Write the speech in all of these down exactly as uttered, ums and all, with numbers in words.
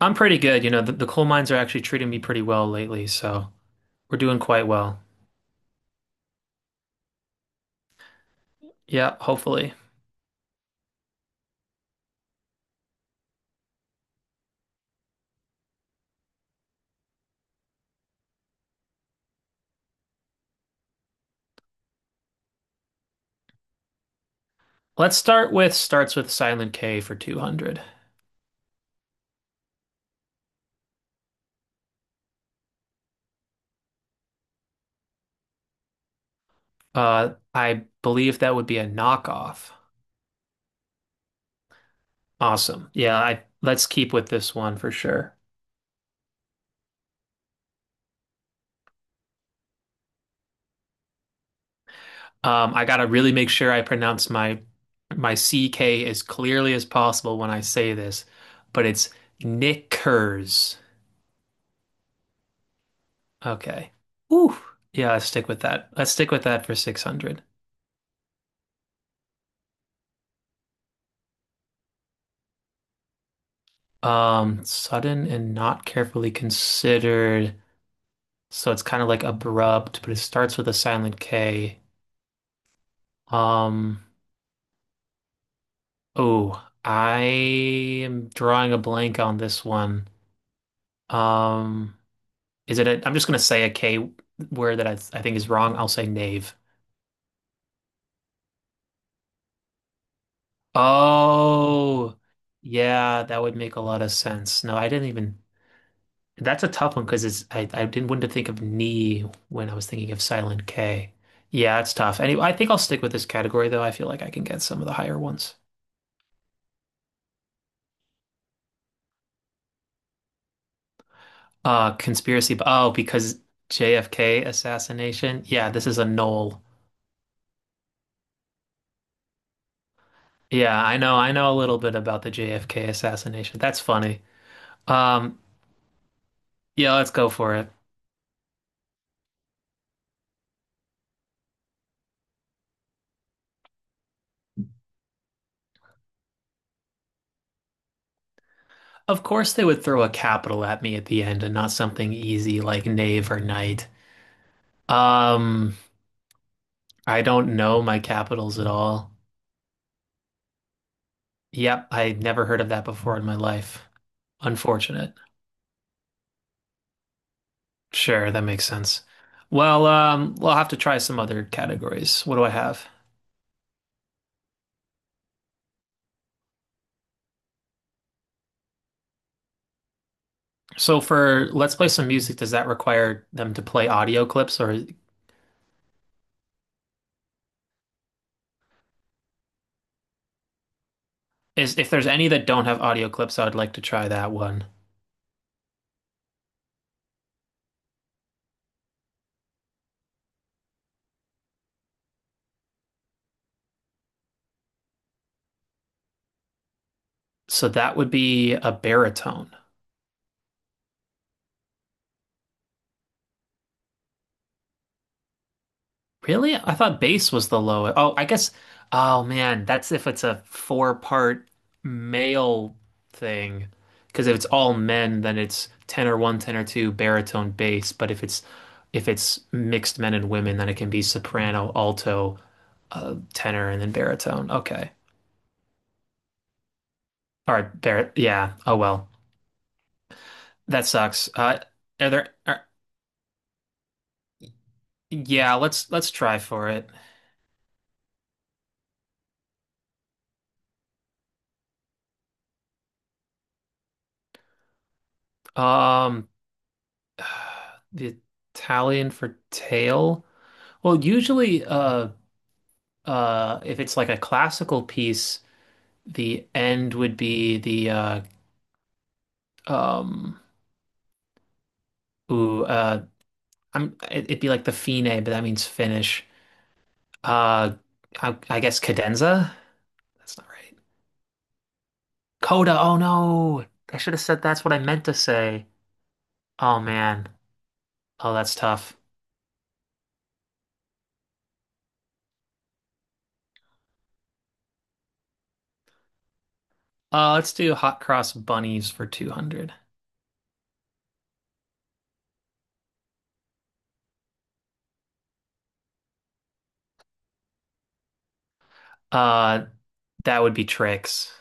I'm pretty good. You know, the, the coal mines are actually treating me pretty well lately, so we're doing quite well. Yeah, hopefully. Let's start with starts with Silent K for two hundred. Uh, I believe that would be a knockoff. Awesome. Yeah, I let's keep with this one for sure. Um, I gotta really make sure I pronounce my my C K as clearly as possible when I say this, but it's Knickers. Okay. Ooh. Yeah, let's stick with that. Let's stick with that for six hundred. Um, sudden and not carefully considered. So it's kind of like abrupt, but it starts with a silent K. Um, oh, I am drawing a blank on this one. Um, is it a, I'm just gonna say a K word that I, I think is wrong. I'll say knave. Oh, yeah, that would make a lot of sense. No, I didn't even that's a tough one because it's I, I didn't want to think of knee when I was thinking of silent K. Yeah, it's tough. Anyway, I think I'll stick with this category though. I feel like I can get some of the higher ones. Uh, conspiracy. Oh, because J F K assassination. Yeah, this is a null. Yeah, I know. I know a little bit about the J F K assassination. That's funny. Um, yeah, let's go for it. Of course, they would throw a capital at me at the end and not something easy like knave or knight. Um, I don't know my capitals at all. Yep, I never heard of that before in my life. Unfortunate. Sure, that makes sense. Well, um, we'll have to try some other categories. What do I have? So for Let's Play Some Music, does that require them to play audio clips, or is if there's any that don't have audio clips, I would like to try that one. So that would be a baritone. Really? I thought bass was the lowest. Oh, I guess. Oh man, that's if it's a four-part male thing. Because if it's all men, then it's tenor one, tenor two, baritone, bass. But if it's if it's mixed men and women, then it can be soprano, alto, uh, tenor, and then baritone. Okay. All right. Bar yeah. Oh well. That sucks. Uh, are there? Are, yeah. Let's let's try for it. Um, the Italian for tail. Well, usually, uh, uh, if it's like a classical piece, the end would be the uh, um, ooh, uh, I'm it- it'd be like the fine, but that means finish. Uh, I, I guess cadenza. That's not right. Coda. Oh no, I should have said that's what I meant to say. Oh man. Oh, that's tough. Uh, let's do hot cross bunnies for two hundred. Uh, that would be tricks.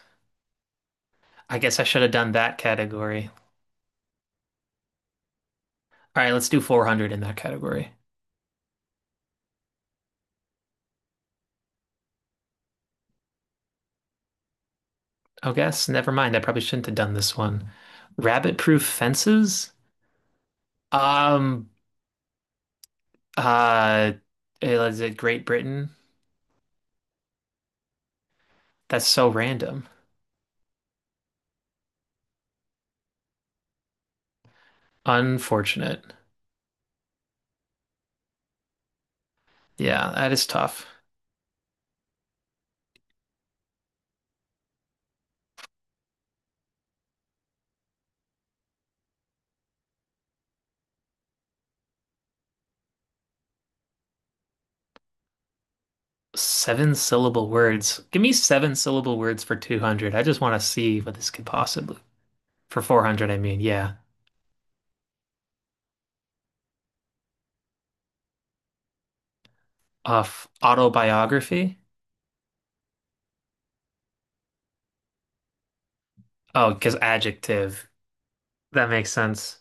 I guess I should have done that category. All right, let's do four hundred in that category. Oh, guess. Never mind. I probably shouldn't have done this one. Rabbit-proof fences? Um, uh, eh, is it Great Britain? That's so random. Unfortunate. Yeah, that is tough. Seven syllable words. Give me seven syllable words for two hundred. I just want to see what this could possibly. For four hundred, I mean, yeah. Uh, f- autobiography? Oh, because adjective. That makes sense.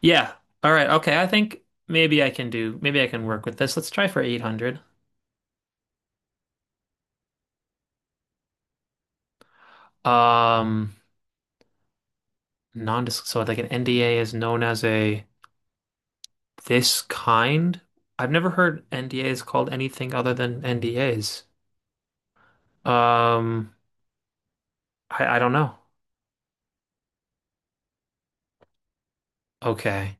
Yeah. All right. Okay. I think maybe I can do, maybe I can work with this. Let's try for eight hundred. Um, non so like an N D A is known as a this kind. I've never heard N D As called anything other than N D As. Um, I, I don't know. Okay.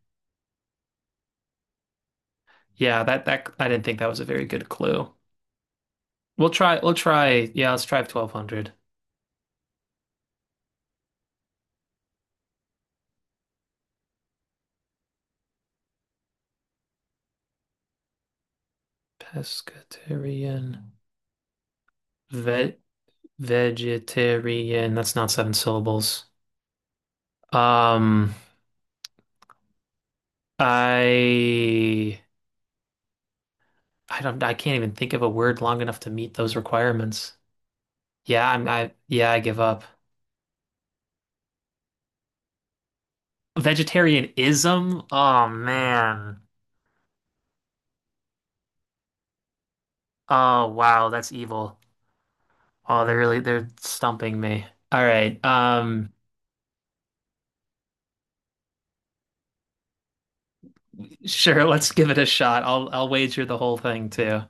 Yeah, that that I didn't think that was a very good clue. We'll try we'll try yeah, let's try twelve hundred. Pescatarian ve vegetarian. That's not seven syllables. Um, I I don't I can't even think of a word long enough to meet those requirements. Yeah, I'm I yeah, I give up. Vegetarianism? Oh man. Oh wow, that's evil. Oh, they're really they're stumping me. All right. Um sure, let's give it a shot. I'll I'll wager the whole thing too.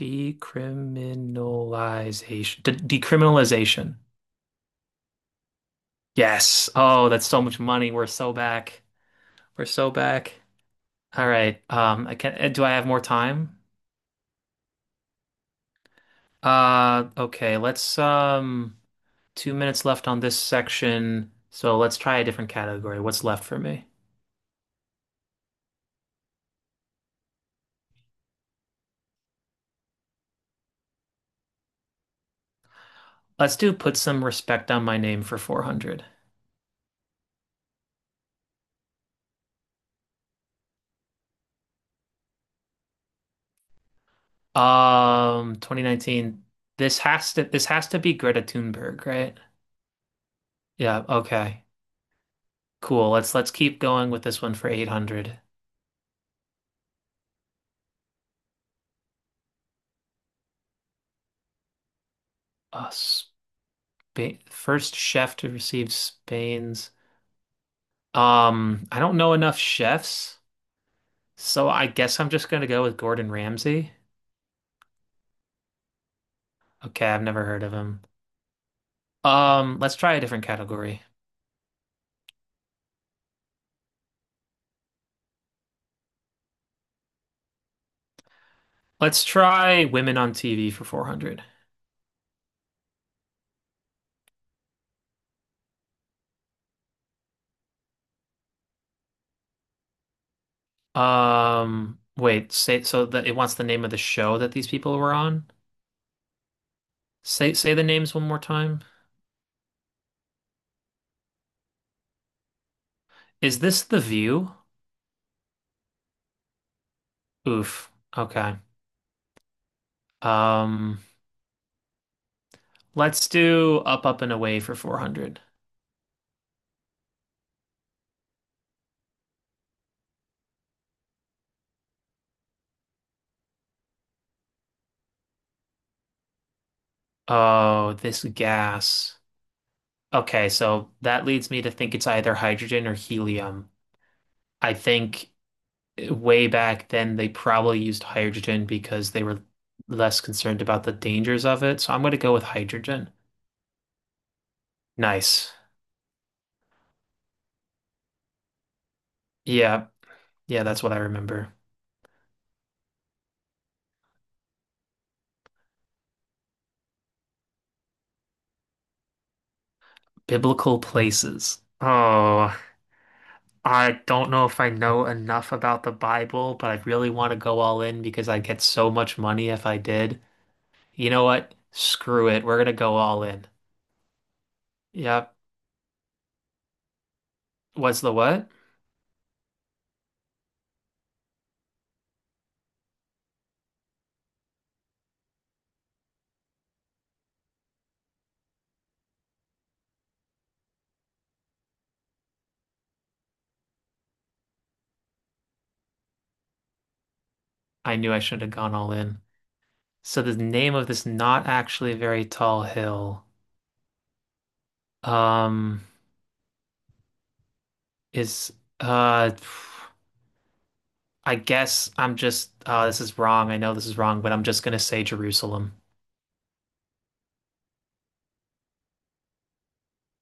Decriminalization. De decriminalization. Yes. Oh, that's so much money. We're so back. We're so back. All right. Um I can uh, do I have more time? Uh okay, let's um Two minutes left on this section, so let's try a different category. What's left for me? Let's do put some respect on my name for four hundred. Um, twenty nineteen. This has to this has to be Greta Thunberg, right? Yeah, okay. Cool. Let's let's keep going with this one for eight hundred. Uh, Spain, first chef to receive Spain's. Um, I don't know enough chefs, so I guess I'm just gonna go with Gordon Ramsay. Okay, I've never heard of him. Um, let's try a different category. Let's try women on T V for four hundred. Um, wait, say so that it wants the name of the show that these people were on. Say say the names one more time. Is this The View? Oof. Okay. Um, let's do Up, Up and Away for four hundred. Oh, this gas. Okay, so that leads me to think it's either hydrogen or helium. I think way back then they probably used hydrogen because they were less concerned about the dangers of it. So I'm going to go with hydrogen. Nice. Yeah. Yeah, that's what I remember. Biblical places. Oh, I don't know if I know enough about the Bible, but I really want to go all in because I'd get so much money if I did. You know what? Screw it. We're going to go all in. Yep. What's the what? I knew I shouldn't have gone all in. So the name of this not actually very tall hill. Um, is uh, I guess I'm just oh, this is wrong. I know this is wrong, but I'm just gonna say Jerusalem.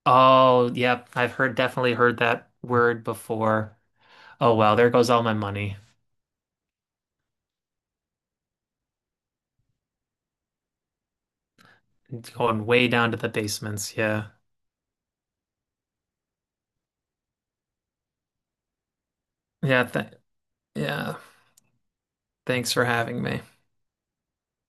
Oh, yep, I've heard definitely heard that word before. Oh well, there goes all my money. It's going way down to the basements. Yeah, yeah, th yeah. Thanks for having me.